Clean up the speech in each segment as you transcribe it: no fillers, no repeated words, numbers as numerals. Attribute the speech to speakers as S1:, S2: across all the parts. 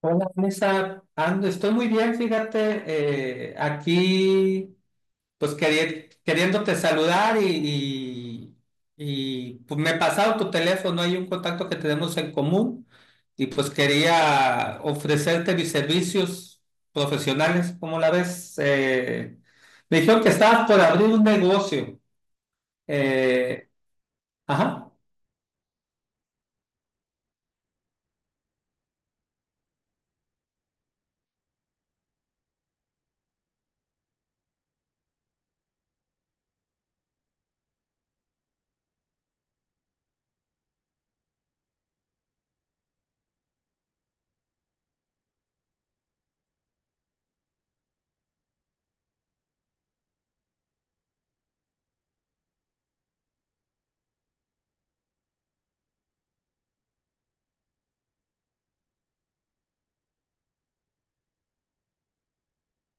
S1: Hola, Vanessa. Ando, estoy muy bien, fíjate, aquí pues queriéndote saludar y, pues me he pasado tu teléfono, hay un contacto que tenemos en común y pues quería ofrecerte mis servicios profesionales, ¿cómo la ves? Me dijeron que estabas por abrir un negocio. Eh, ajá,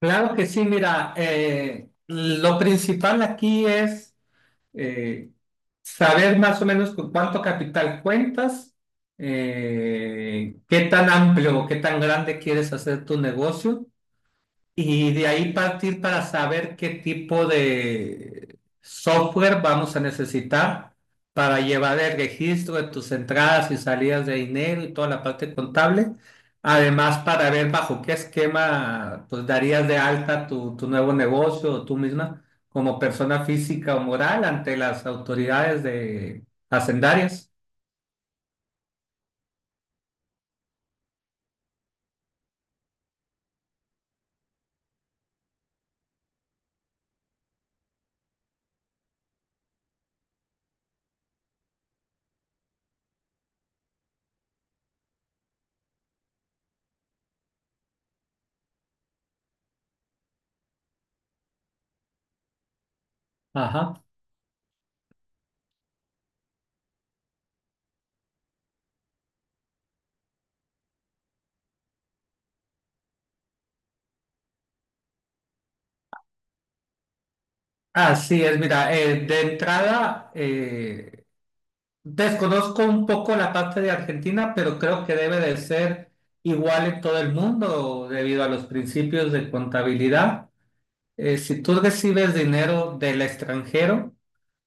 S1: claro que sí, mira, lo principal aquí es... eh, saber más o menos con cuánto capital cuentas, qué tan amplio o qué tan grande quieres hacer tu negocio y de ahí partir para saber qué tipo de software vamos a necesitar para llevar el registro de tus entradas y salidas de dinero y toda la parte contable. Además, para ver bajo qué esquema pues darías de alta tu nuevo negocio o tú misma como persona física o moral ante las autoridades de hacendarias. Ajá. Así es, mira, de entrada, desconozco un poco la parte de Argentina, pero creo que debe de ser igual en todo el mundo debido a los principios de contabilidad. Si tú recibes dinero del extranjero,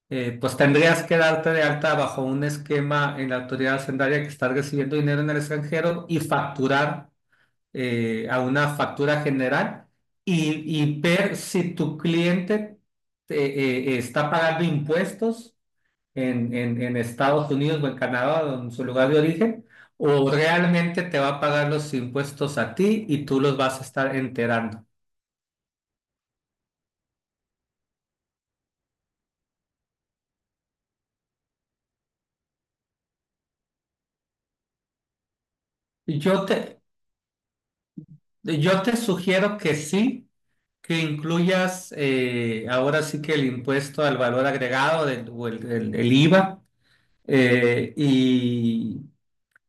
S1: pues tendrías que darte de alta bajo un esquema en la autoridad hacendaria que estás recibiendo dinero en el extranjero y facturar a una factura general y ver si tu cliente eh, está pagando impuestos en Estados Unidos o en Canadá o en su lugar de origen, o realmente te va a pagar los impuestos a ti y tú los vas a estar enterando. Yo te, yo te sugiero que sí, que incluyas ahora sí que el impuesto al valor agregado o el IVA eh, y,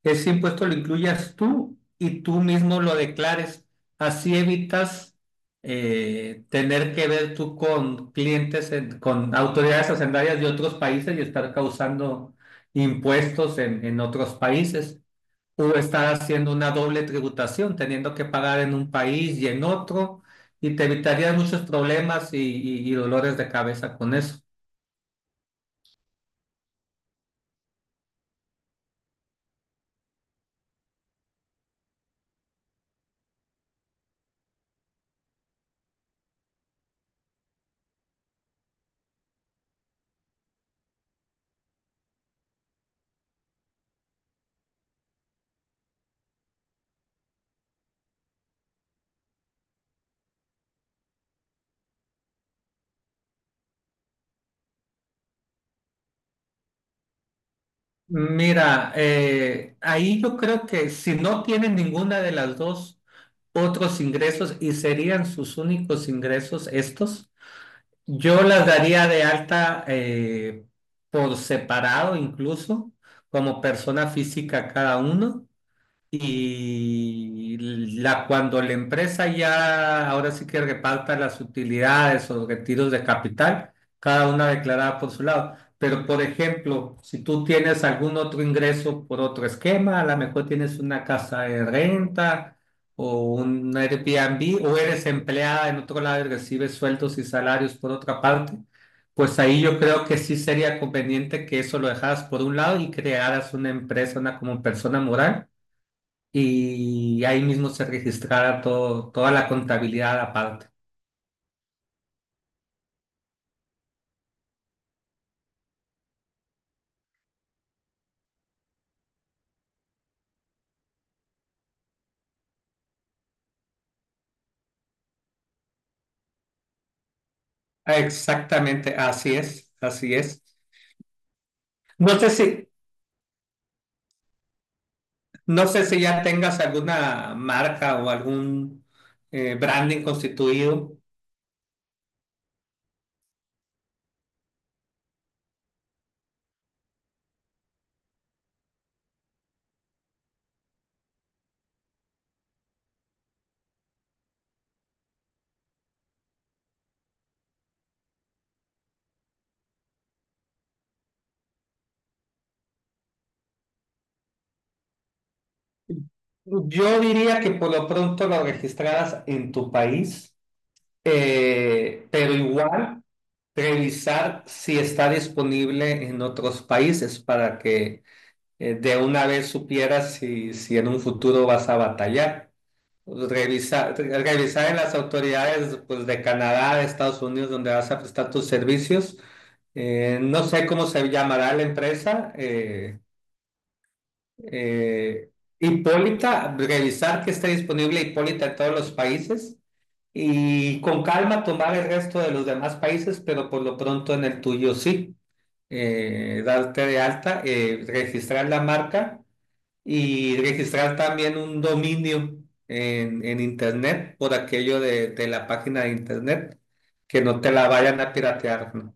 S1: que ese impuesto lo incluyas tú y tú mismo lo declares. Así evitas tener que ver tú con clientes, con autoridades hacendarias de otros países y estar causando impuestos en otros países. O estar haciendo una doble tributación, teniendo que pagar en un país y en otro, y te evitarías muchos problemas y dolores de cabeza con eso. Mira, ahí yo creo que si no tienen ninguna de las dos otros ingresos y serían sus únicos ingresos estos, yo las daría de alta por separado incluso, como persona física cada uno. Y cuando la empresa ya ahora sí que reparta las utilidades o retiros de capital, cada una declarada por su lado. Pero, por ejemplo, si tú tienes algún otro ingreso por otro esquema, a lo mejor tienes una casa de renta o un Airbnb o eres empleada en otro lado y recibes sueldos y salarios por otra parte, pues ahí yo creo que sí sería conveniente que eso lo dejaras por un lado y crearas una empresa, una como persona moral y ahí mismo se registrara todo, toda la contabilidad aparte. Exactamente, así es, así es. No sé si, no sé si ya tengas alguna marca o algún branding constituido. Yo diría que por lo pronto lo registraras en tu país, pero igual revisar si está disponible en otros países para que de una vez supieras si en un futuro vas a batallar. Revisar en las autoridades pues, de Canadá, de Estados Unidos, donde vas a prestar tus servicios. No sé cómo se llamará la empresa. Eh, Hipólita, revisar que esté disponible Hipólita en todos los países y con calma tomar el resto de los demás países, pero por lo pronto en el tuyo sí. Darte de alta, registrar la marca y registrar también un dominio en internet por aquello de la página de internet, que no te la vayan a piratear, ¿no?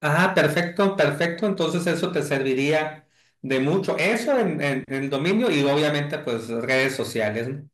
S1: Ah, perfecto, perfecto. Entonces eso te serviría de mucho. Eso en el dominio y obviamente pues redes sociales, ¿no?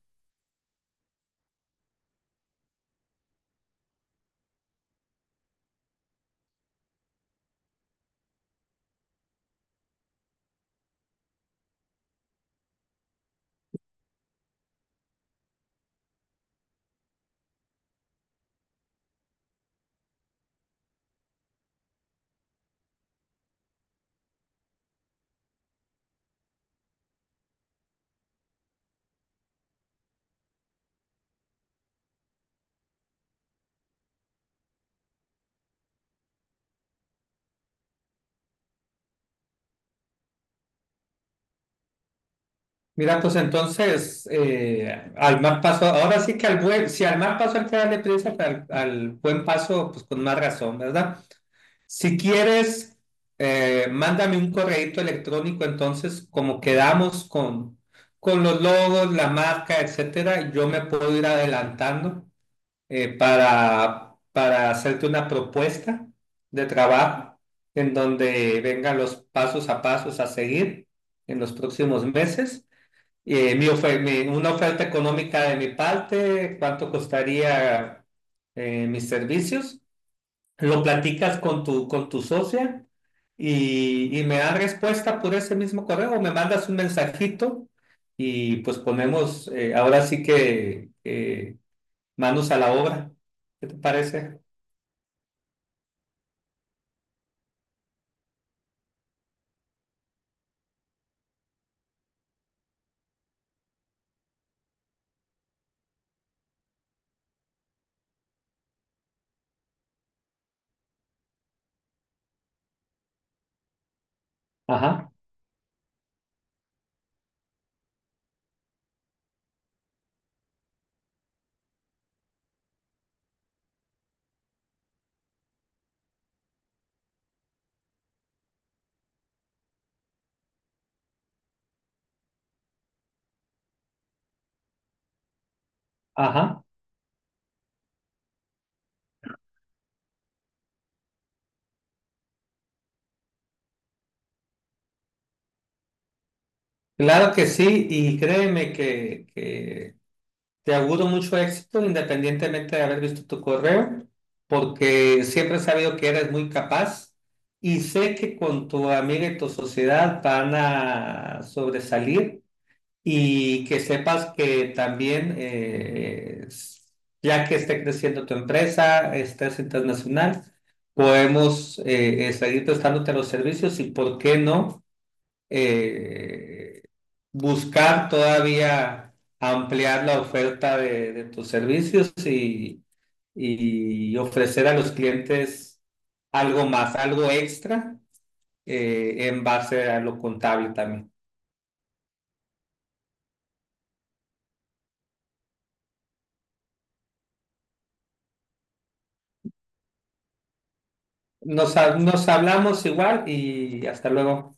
S1: Mira, pues entonces, al más paso, ahora sí que al buen, si al mal paso hay que darle prisa, pues, al buen paso, pues con más razón, ¿verdad? Si quieres, mándame un correíto electrónico, entonces, como quedamos con los logos, la marca, etcétera, yo me puedo ir adelantando para hacerte una propuesta de trabajo en donde vengan los pasos a pasos a seguir en los próximos meses. Una oferta económica de mi parte, cuánto costaría mis servicios lo platicas con tu socia y me da respuesta por ese mismo correo o me mandas un mensajito y pues ponemos, ahora sí que manos a la obra. ¿Qué te parece? Ajá, ajá. Claro que sí y créeme que te auguro mucho éxito independientemente de haber visto tu correo, porque siempre he sabido que eres muy capaz y sé que con tu amiga y tu sociedad van a sobresalir y que sepas que también, ya que esté creciendo tu empresa, estés internacional, podemos seguir prestándote los servicios y, ¿por qué no? eh, Buscar todavía ampliar la oferta de tus servicios y ofrecer a los clientes algo más, algo extra en base a lo contable también. Nos hablamos igual y hasta luego.